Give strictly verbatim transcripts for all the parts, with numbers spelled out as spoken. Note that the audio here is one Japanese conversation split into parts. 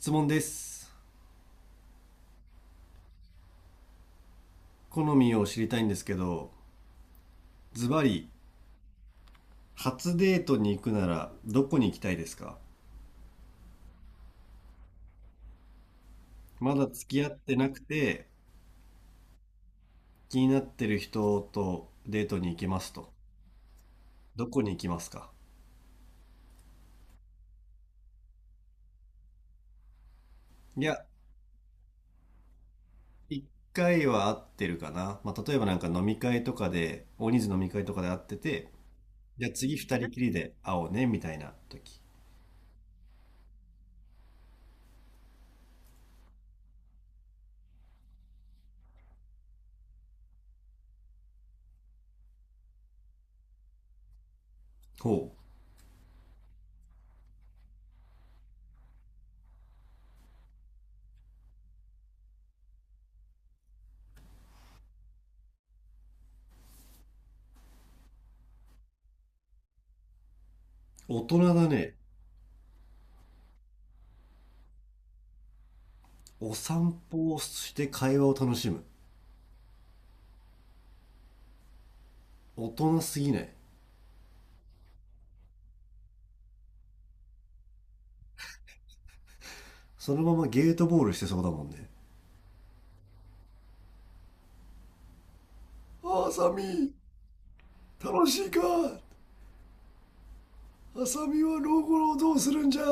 質問です。好みを知りたいんですけど、ズバリ初デートに行くならどこに行きたいですか？まだ付き合ってなくて、気になってる人とデートに行きますと、どこに行きますか？いや、一回は会ってるかな。まあ例えば、なんか飲み会とかで、大人数飲み会とかで会ってて、じゃあ次二人きりで会おうねみたいな時。ほう。大人だね。お散歩をして会話を楽しむ。大人すぎない？そのままゲートボールしてそうだもんね、あさみ。楽しいか？あさみは老後をどうするんじゃ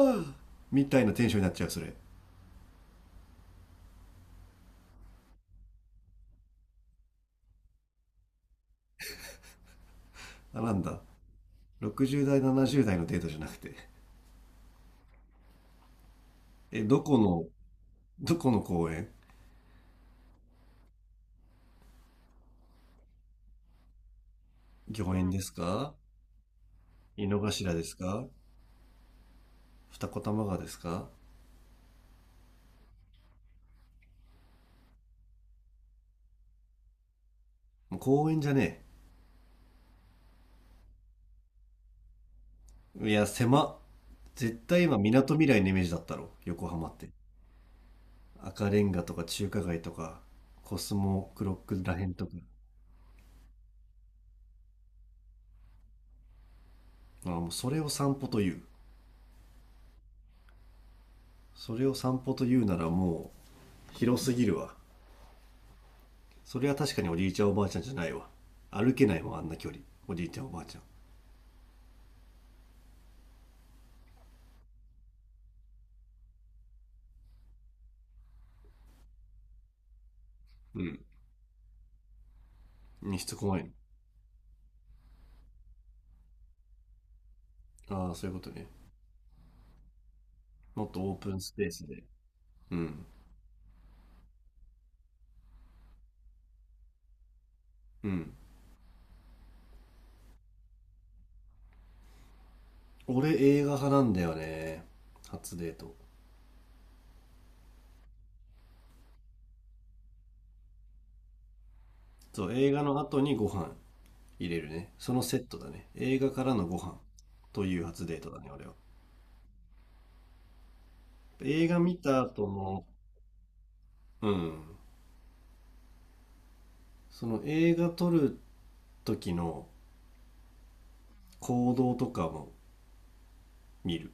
みたいなテンションになっちゃう、それ。あ、なんだ、ろくじゅう代ななじゅう代のデートじゃなくて。え、どこの、どこの公園？御苑ですか？井の頭ですか？二子玉川ですか？もう公園じゃね？え、いや狭っ。絶対今港未来のイメージだったろ、横浜って。赤レンガとか中華街とか、コスモクロックらへんとか。あ、もうそれを散歩という、それを散歩というならもう広すぎるわ。それは確かにおじいちゃんおばあちゃんじゃないわ。歩けないもん、あんな距離。おじいちゃんおばあちゃん、うん、しつこいの。ああ、そういうことね。もっとオープンスペースで。うん。うん。俺映画派なんだよね、初デート。そう、映画の後にご飯入れるね。そのセットだね、映画からのご飯という初デートだね、俺は。映画見た後の、うん、その映画撮る時の行動とかも見る。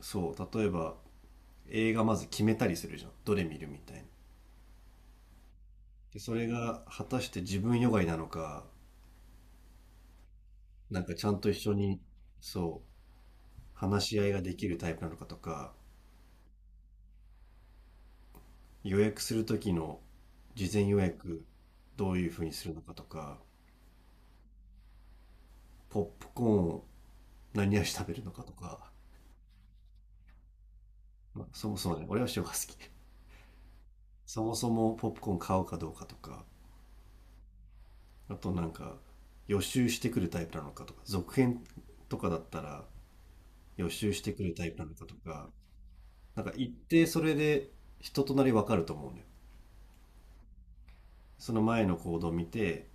そう、例えば映画まず決めたりするじゃん、どれ見るみたいな。でそれが果たして自分よがいなのか、なんかちゃんと一緒に、そう、話し合いができるタイプなのかとか、予約する時の事前予約どういうふうにするのかとか、ポップコーンを何味食べるのかとか。まあ、そもそもね、俺は塩が好き。そもそもポップコーン買うかどうかとか、あとなんか予習してくるタイプなのかとか、続編とかだったら予習してくるタイプなのかとか、なんか一定それで人となりわかると思うのよ。その前の行動を見て、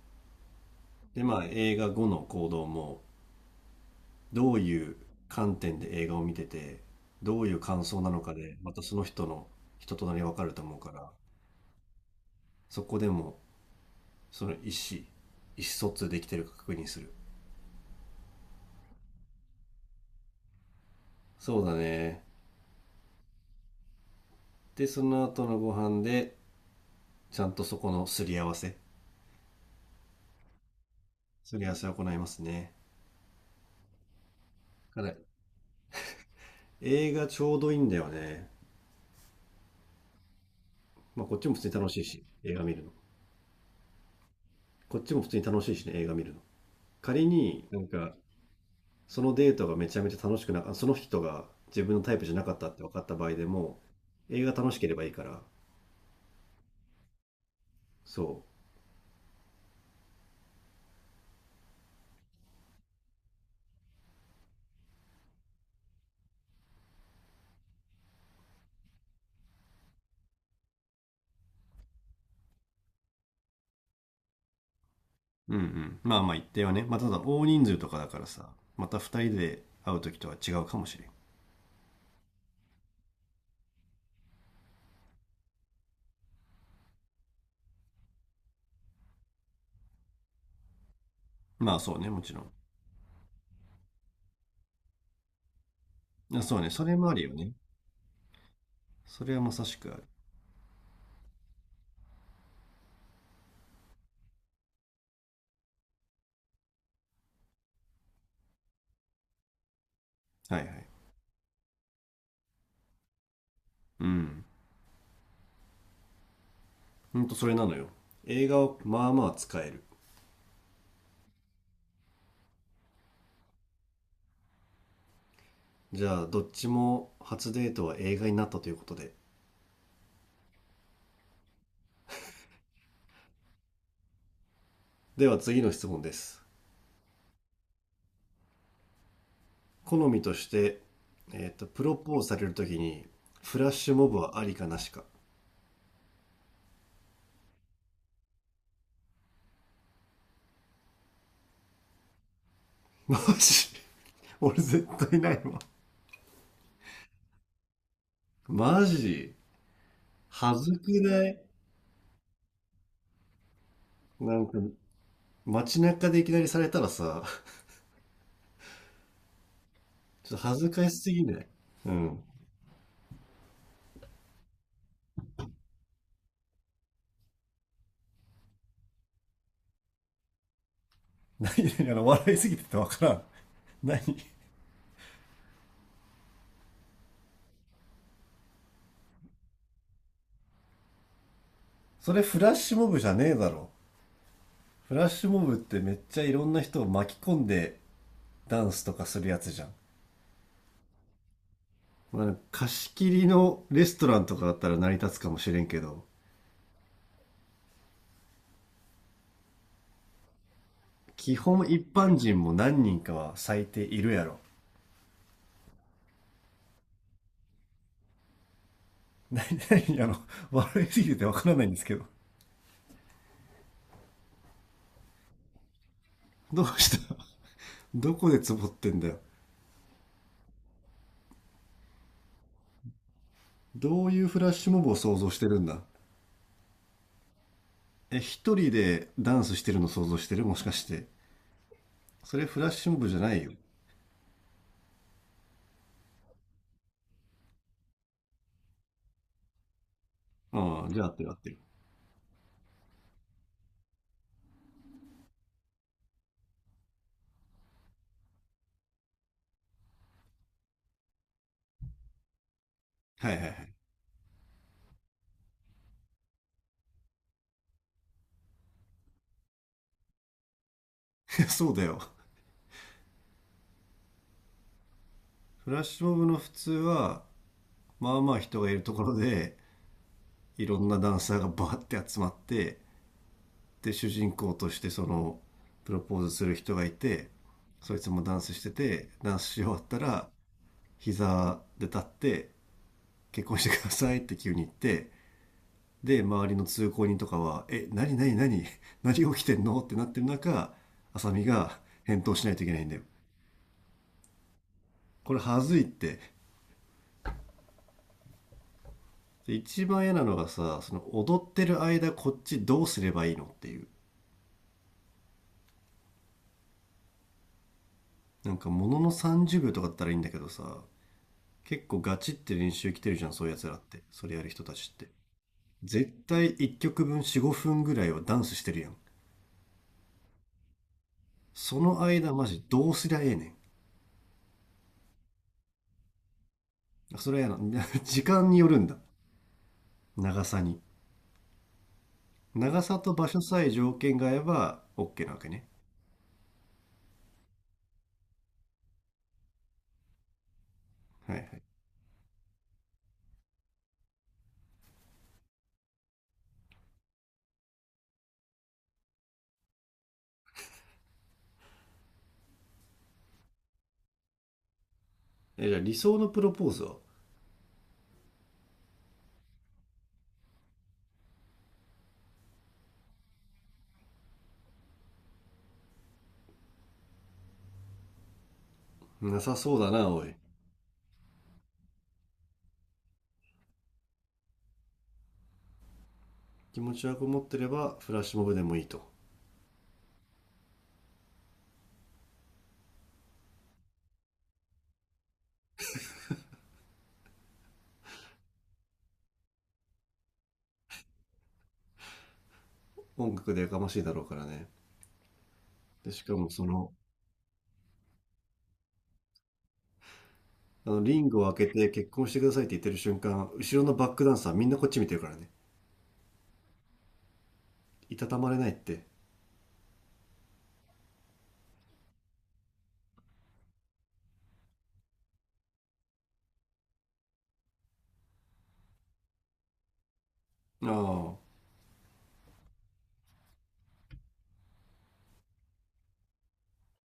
で、まあ映画後の行動も、どういう観点で映画を見てて、どういう感想なのかで、またその人の人となりわかると思うから、そこでもその意思、意思疎通できてるか確認する。そうだね。で、その後のご飯で、ちゃんとそこのすり合わせ、すり合わせを行いますね。だから映画ちょうどいいんだよね。まあ、こっちも普通に楽しいし、映画見るの。こっちも普通に楽しいしね、映画見るの。仮になんか、そのデートがめちゃめちゃ楽しくなか、その人が自分のタイプじゃなかったって分かった場合でも、映画楽しければいいから、そう。うん、うん。まあまあ一定はね。まあただ大人数とかだからさ、また二人で会う時とは違うかもしれん。まあそうね、もちろん。あ、そうね、それもあるよね。それはまさしくある。はいはい。うん。ほんとそれなのよ。映画をまあまあ使える。じゃあどっちも初デートは映画になったということで。では次の質問です。好みとして、えーとプロポーズされるときに、フラッシュモブはありかなしか？マジ？俺絶対ないわ。マジ？恥ずくない？なんか街中でいきなりされたらさ、ちょっと恥ずかしすぎない？うん。何々、あの笑いすぎててわからん。何？それフラッシュモブじゃねえだろ。フラッシュモブって、めっちゃいろんな人を巻き込んでダンスとかするやつじゃん。まあ、貸し切りのレストランとかだったら成り立つかもしれんけど、基本一般人も何人かは最低いるやろ。何、何、あの、笑いすぎててわからないんですけど。どうした？どこでツボってんだよ。どういうフラッシュモブを想像してるんだ？え、一人でダンスしてるの想像してる、もしかして。それフラッシュモブじゃないよ。うん、じゃあ合ってる合ってる。はいはいはい。そうだよ。フラッシュモブの普通は、まあまあ人がいるところで、いろんなダンサーがバーって集まって、で主人公としてそのプロポーズする人がいて、そいつもダンスしてて、ダンスし終わったら膝で立って「結婚してください」って急に言って、で周りの通行人とかは「え何何何、何起きてんの？」ってなってる中、浅見が返答しないといけないんだよ。これはずいって。で一番嫌なのがさ、その踊ってる間こっちどうすればいいのっていう。なんかもののさんじゅうびょうとかだったらいいんだけどさ、結構ガチって練習来てるじゃん、そういうやつらって。それやる人たちって。絶対いっきょくぶんよん、ごふんぐらいはダンスしてるやん。その間マジどうすりゃええねん。それはやな 時間によるんだ、長さに。長さと場所さえ条件が合えば OK なわけね。はいはい。え、じゃあ理想のプロポーズは、なさそうだな、おい。気持ちはこもってればフラッシュモブでもいいと。音楽でやかましいだろうからね。で、しかもその、あの、リングを開けて結婚してくださいって言ってる瞬間、後ろのバックダンサーみんなこっち見てるからね。いたたまれないって。あ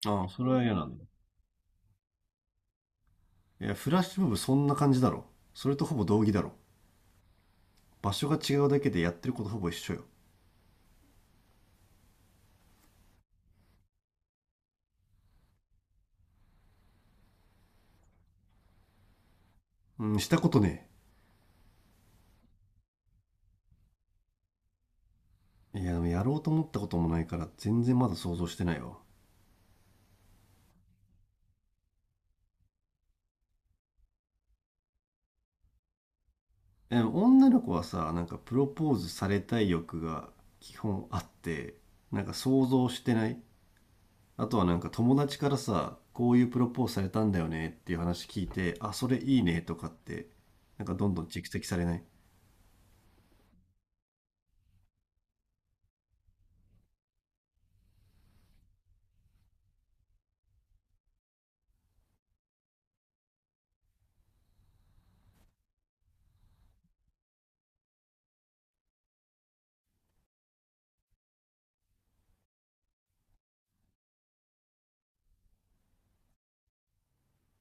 あ、ああ、それは嫌なんだ。いや、フラッシュモブそんな感じだろ。それとほぼ同義だろ。場所が違うだけでやってることほぼ一緒よ。うん、したことねえ。いや、でもやろうと思ったこともないから、全然まだ想像してないわ。え、女の子はさ、なんかプロポーズされたい欲が基本あって、なんか想像してない？あとはなんか友達からさ、こういうプロポーズされたんだよねっていう話聞いて、あそれいいねとかって、なんかどんどん蓄積されない？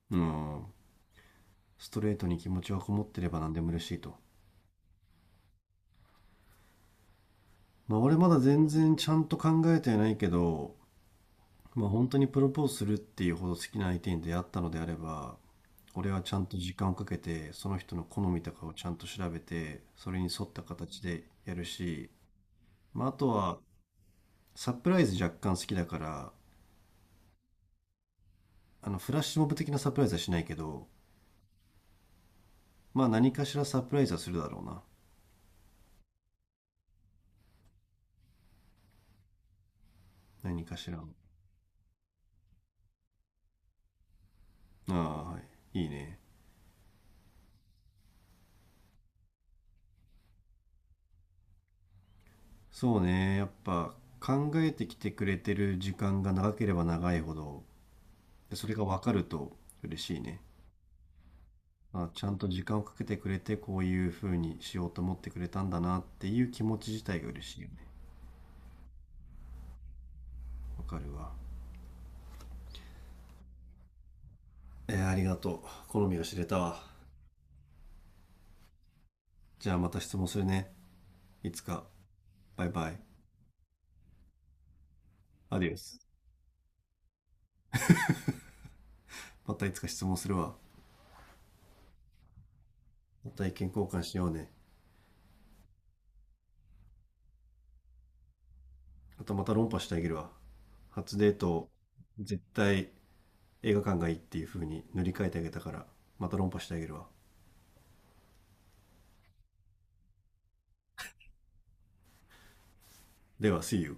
うん、ストレートに気持ちはこもってれば何でも嬉しいと。まあ俺まだ全然ちゃんと考えてないけど、まあ本当にプロポーズするっていうほど好きな相手に出会ったのであれば、俺はちゃんと時間をかけてその人の好みとかをちゃんと調べて、それに沿った形でやるし、まあ、あとはサプライズ若干好きだから、あのフラッシュモブ的なサプライズはしないけど、まあ何かしらサプライズはするだろうな、何かしらの。ああ、はい、いいね。そうね、やっぱ考えてきてくれてる時間が長ければ長いほど、でそれが分かると嬉しいね。まあちゃんと時間をかけてくれて、こういう風にしようと思ってくれたんだなっていう気持ち自体が嬉しいよね。わかるわ。えー、ありがとう、好みが知れたわ。じゃあまた質問するね、いつか。バイバイ。アディオス。またいつか質問するわ。また意見交換しようね。あとまた論破してあげるわ。初デート、絶対映画館がいいっていう風に塗り替えてあげたから、また論破してあげるわ。では、See you.